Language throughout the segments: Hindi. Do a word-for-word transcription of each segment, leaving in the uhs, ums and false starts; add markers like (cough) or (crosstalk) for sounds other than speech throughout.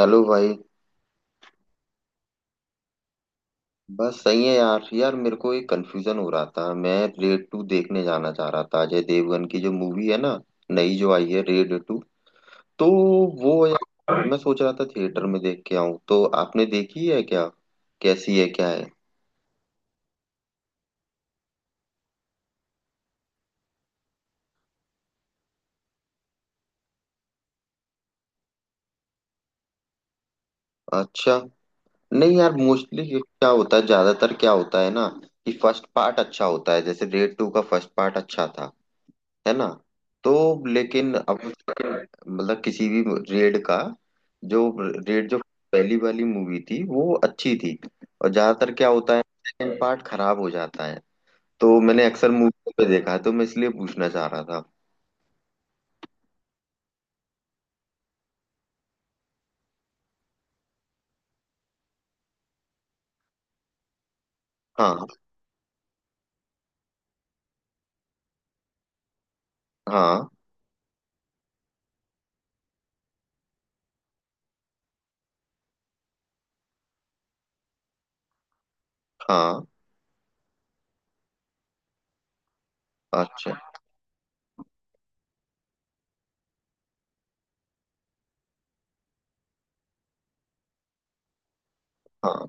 हेलो भाई। बस सही है यार यार मेरे को एक कंफ्यूजन हो रहा था। मैं रेड टू देखने जाना चाह रहा था, अजय देवगन की जो मूवी है ना, नई जो आई है रेड टू। तो वो यार मैं सोच रहा था थिएटर में देख के आऊं, तो आपने देखी है क्या? कैसी है, क्या है? अच्छा। नहीं यार, मोस्टली क्या होता है, ज्यादातर क्या होता है ना, कि फर्स्ट पार्ट अच्छा होता है। जैसे रेड टू का फर्स्ट पार्ट अच्छा था, है ना? तो लेकिन अब तक मतलब किसी भी रेड का, जो रेड जो पहली वाली मूवी थी वो अच्छी थी। और ज्यादातर क्या होता है, सेकंड पार्ट खराब हो जाता है। तो मैंने अक्सर मूवी पे देखा है, तो मैं इसलिए पूछना चाह रहा था। हाँ, हाँ, हाँ। अच्छा। हाँ।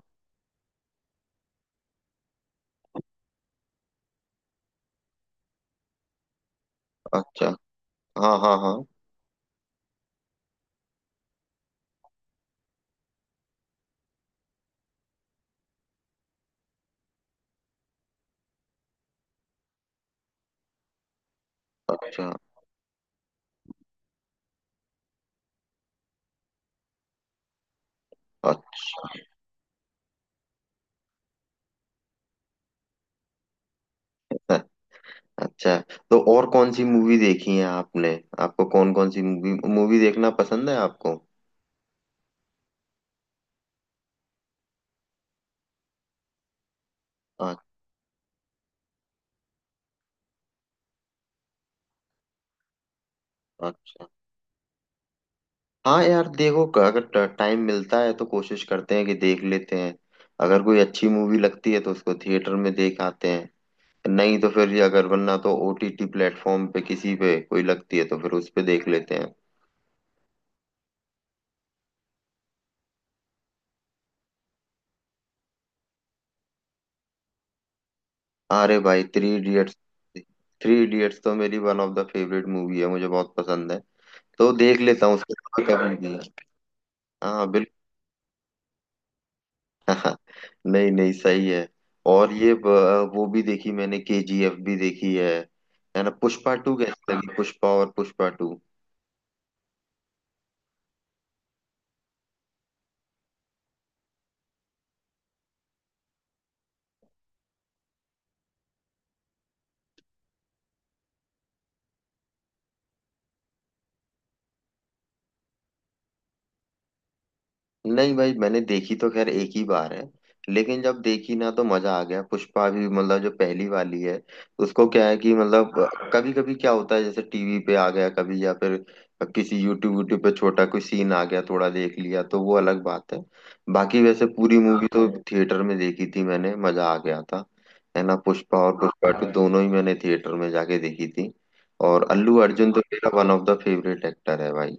अच्छा। हाँ, हाँ, हाँ। अच्छा। अच्छा। अच्छा। तो और कौन सी मूवी देखी है आपने? आपको कौन कौन सी मूवी मूवी देखना पसंद है आपको? अच्छा। अच्छा। हाँ यार देखो, क- अगर टाइम मिलता है तो कोशिश करते हैं कि देख लेते हैं। अगर कोई अच्छी मूवी लगती है तो उसको थिएटर में देख आते हैं। नहीं तो फिर ये अगर वरना तो ओटीटी प्लेटफॉर्म पे किसी पे कोई लगती है तो फिर उस पे देख लेते हैं। अरे भाई थ्री इडियट्स। थ्री इडियट्स तो मेरी one of the favourite movie है, मुझे बहुत पसंद है। तो देख लेता हूँ उसको कभी भी। हाँ। (laughs) नहीं, नहीं, सही है। और ये ब- वो भी देखी मैंने, केजीएफ भी देखी है है ना? पुष्पा टू कैसी लगी? पुष्पा और पुष्पा टू। नहीं भाई, मैंने देखी तो खैर एक ही बार है, लेकिन जब देखी ना तो मजा आ गया। पुष्पा भी मतलब जो पहली वाली है, उसको क्या है कि मतलब कभी कभी क्या होता है, जैसे टीवी पे आ गया कभी, या फिर किसी यूट्यूब यूट्यूब पे छोटा कोई सीन आ गया, थोड़ा देख लिया, तो वो अलग बात है। बाकी वैसे पूरी मूवी तो थिएटर में देखी थी मैंने, मजा आ गया था। है ना? पुष्पा और पुष्पा टू दोनों ही मैंने थिएटर में जाके देखी थी। और अल्लू अर्जुन तो मेरा one of the favourite actor है भाई।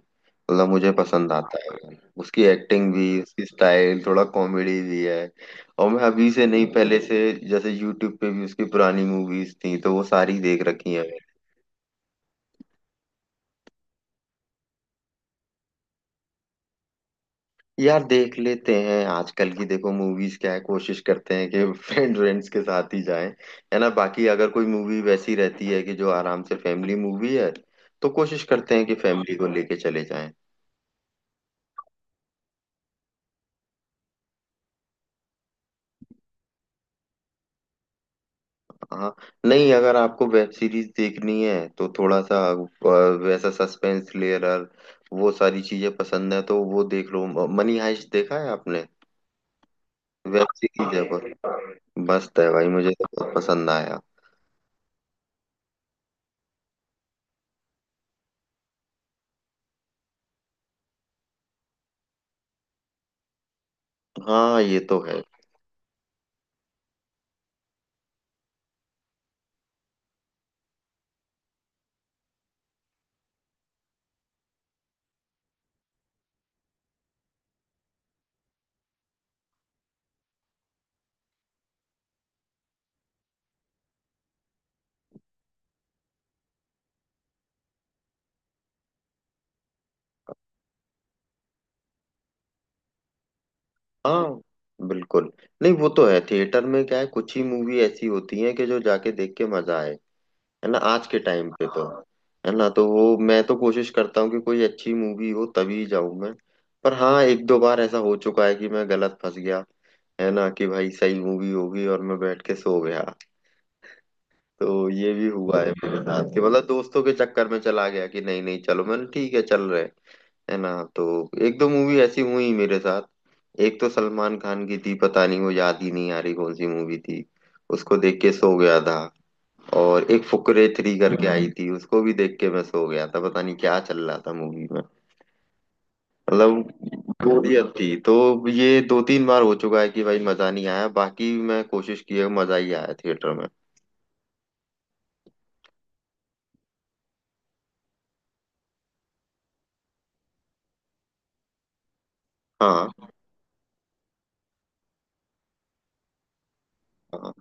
मतलब मुझे पसंद आता है, उसकी एक्टिंग भी, उसकी स्टाइल, थोड़ा कॉमेडी भी है। और मैं अभी से नहीं, पहले से, जैसे यूट्यूब पे भी उसकी पुरानी मूवीज थी तो वो सारी देख रखी है। यार देख लेते हैं, आजकल की देखो मूवीज क्या है, कोशिश करते हैं कि (laughs) फ्रेंड फ्रेंड्स के साथ ही जाएं, है ना? बाकी अगर कोई मूवी वैसी रहती है कि जो आराम से फैमिली मूवी है, तो कोशिश करते हैं कि फैमिली को लेके चले जाएं। हाँ। नहीं, अगर आपको वेब सीरीज देखनी है तो थोड़ा सा अ, वैसा सस्पेंस थ्रिलर, वो सारी चीजें पसंद है तो वो देख लो। म- मनी हाइस्ट देखा है आपने? वेब सीरीज है पर मस्त है भाई, मुझे तो बहुत पसंद आया। हाँ ये तो है। हाँ, बिल्कुल। नहीं वो तो है, थिएटर में क्या है, कुछ ही मूवी ऐसी होती है कि जो जाके देख के मजा आए। है ना? आज के टाइम पे तो। हाँ। है ना? तो वो मैं तो कोशिश करता हूँ कि कोई अच्छी मूवी हो तभी जाऊं मैं। पर हाँ, एक दो बार ऐसा हो चुका है कि मैं गलत फंस गया। है ना? कि भाई सही मूवी होगी और मैं बैठ के सो गया। तो ये भी हुआ है मेरे साथ, कि मतलब दोस्तों के चक्कर में चला गया कि नहीं, नहीं, चलो, मैंने ठीक है चल रहे। है ना? तो एक दो मूवी ऐसी हुई मेरे साथ। एक तो सलमान खान की थी, पता नहीं वो याद ही नहीं आ रही कौन सी मूवी थी, उसको देख के सो गया था। और एक फुकरे थ्री करके आई थी, उसको भी देख के मैं सो गया था, पता नहीं क्या चल रहा था मूवी में। मतलब बोरियत थी। तो ये दो तीन बार हो चुका है कि भाई मजा नहीं आया, बाकी मैं कोशिश की है मजा ही आया थिएटर में। हाँ, हाँ,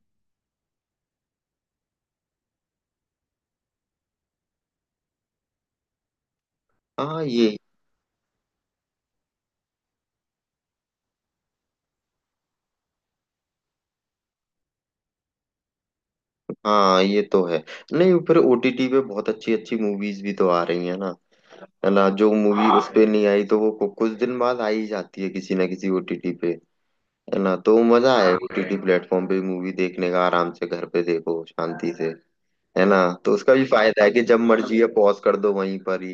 हाँ। ये। हाँ ये तो है। नहीं, फिर ओटीटी पे बहुत अच्छी अच्छी मूवीज भी तो आ रही है ना। है ना? जो मूवी उस पे नहीं आई तो वो कु- कुछ दिन बाद आ ही जाती है किसी ना किसी ओटीटी पे। है ना? तो मजा आया ओटीटी प्लेटफॉर्म पे मूवी देखने का, आराम से घर पे देखो, शांति से। है ना? तो उसका भी फायदा है कि जब मर्जी है पॉज कर दो वहीं पर ही।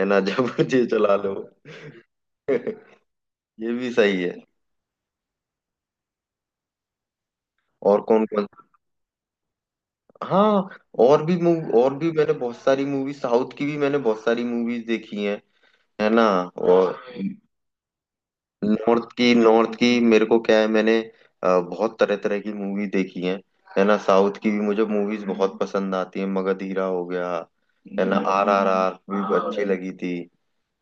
है ना? (laughs) जब मर्जी चला लो। (laughs) ये भी सही है। और कौन कौन। हाँ। और भी मूव, और भी मैंने बहुत सारी मूवी, साउथ की भी मैंने बहुत सारी मूवीज देखी हैं। है ना? और नॉर्थ की, नॉर्थ की मेरे को क्या है, मैंने अ, बहुत तरह तरह की मूवी देखी हैं। है ना? साउथ की भी मुझे मूवीज बहुत पसंद आती हैं। मगधीरा हो गया, है ना? आर आर आर भी अच्छी लगी थी।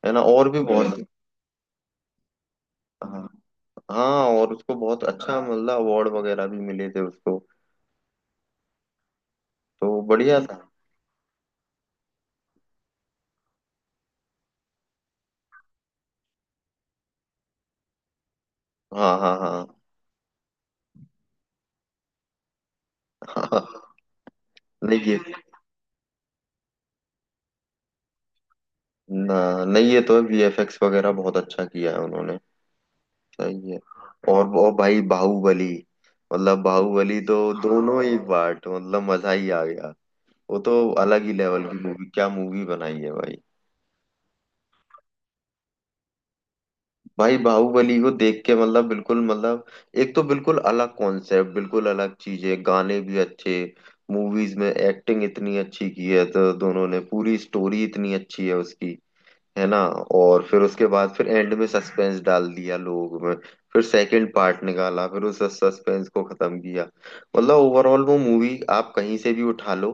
है ना? और भी बहुत। हाँ, और उसको बहुत अच्छा मतलब अवार्ड वगैरह भी मिले थे उसको, तो बढ़िया था। हाँ, हाँ, हाँ। (laughs) हाँ। नहीं, ये। ना, नहीं ये तो वीएफएक्स वगैरह बहुत अच्छा किया है उन्होंने। सही है। और वो भाई बाहुबली, मतलब बाहुबली तो दोनों ही पार्ट, मतलब मजा ही आ गया। वो तो अलग ही लेवल की मूवी, क्या मूवी बनाई है भाई। भाई बाहुबली को देख के, मतलब बिल्कुल, मतलब एक तो बिल्कुल अलग कॉन्सेप्ट, बिल्कुल अलग चीजें, गाने भी अच्छे, मूवीज में एक्टिंग इतनी अच्छी की है तो दोनों ने, पूरी स्टोरी इतनी अच्छी है उसकी। है ना? और फिर उसके बाद फिर एंड में सस्पेंस डाल दिया लोग में, फिर सेकंड पार्ट निकाला, फिर उस सस्पेंस को खत्म किया। मतलब ओवरऑल वो मूवी आप कहीं से भी उठा लो,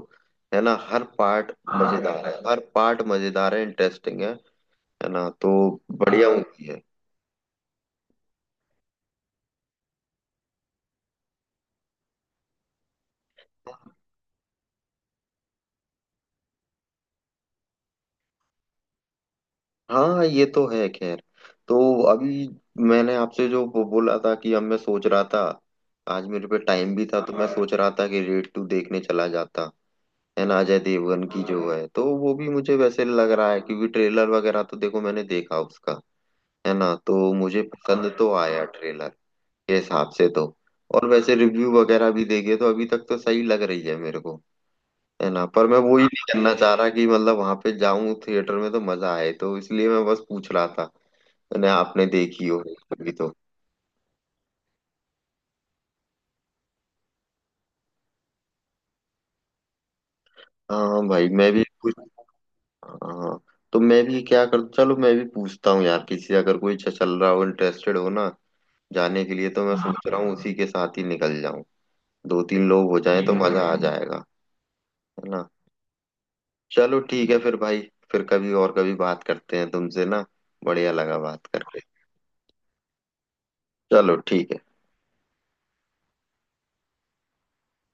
है ना, हर पार्ट मजेदार है, हर पार्ट मजेदार है, इंटरेस्टिंग है। है ना? तो बढ़िया मूवी है। हाँ ये तो है। खैर तो अभी मैंने आपसे जो वो बोला था कि अब मैं सोच रहा था, आज मेरे पे टाइम भी था तो मैं सोच रहा था कि रेड टू देखने चला जाता। है ना? अजय देवगन की जो है, तो वो भी मुझे वैसे लग रहा है, क्योंकि ट्रेलर वगैरह तो देखो मैंने देखा उसका। है ना? तो मुझे पसंद तो आया ट्रेलर के हिसाब से तो। और वैसे रिव्यू वगैरह भी देखे तो अभी तक तो सही लग रही है मेरे को। है ना? पर मैं वो ही नहीं करना चाह रहा कि मतलब वहां पे जाऊं थिएटर में तो मजा आए, तो इसलिए मैं बस पूछ रहा था ना आपने देखी हो कभी तो। हाँ भाई। मैं भी कुछ। हाँ। तो मैं भी क्या कर, चलो मैं भी पूछता हूँ यार किसी से, अगर कोई च- चल रहा हो, इंटरेस्टेड हो ना जाने के लिए, तो मैं सोच रहा हूँ उसी के साथ ही निकल जाऊं। दो तीन लोग हो जाए तो मजा आ जाएगा। है ना? चलो ठीक है फिर भाई। फिर कभी और कभी बात करते हैं तुमसे ना, बढ़िया लगा बात करके। चलो ठीक है।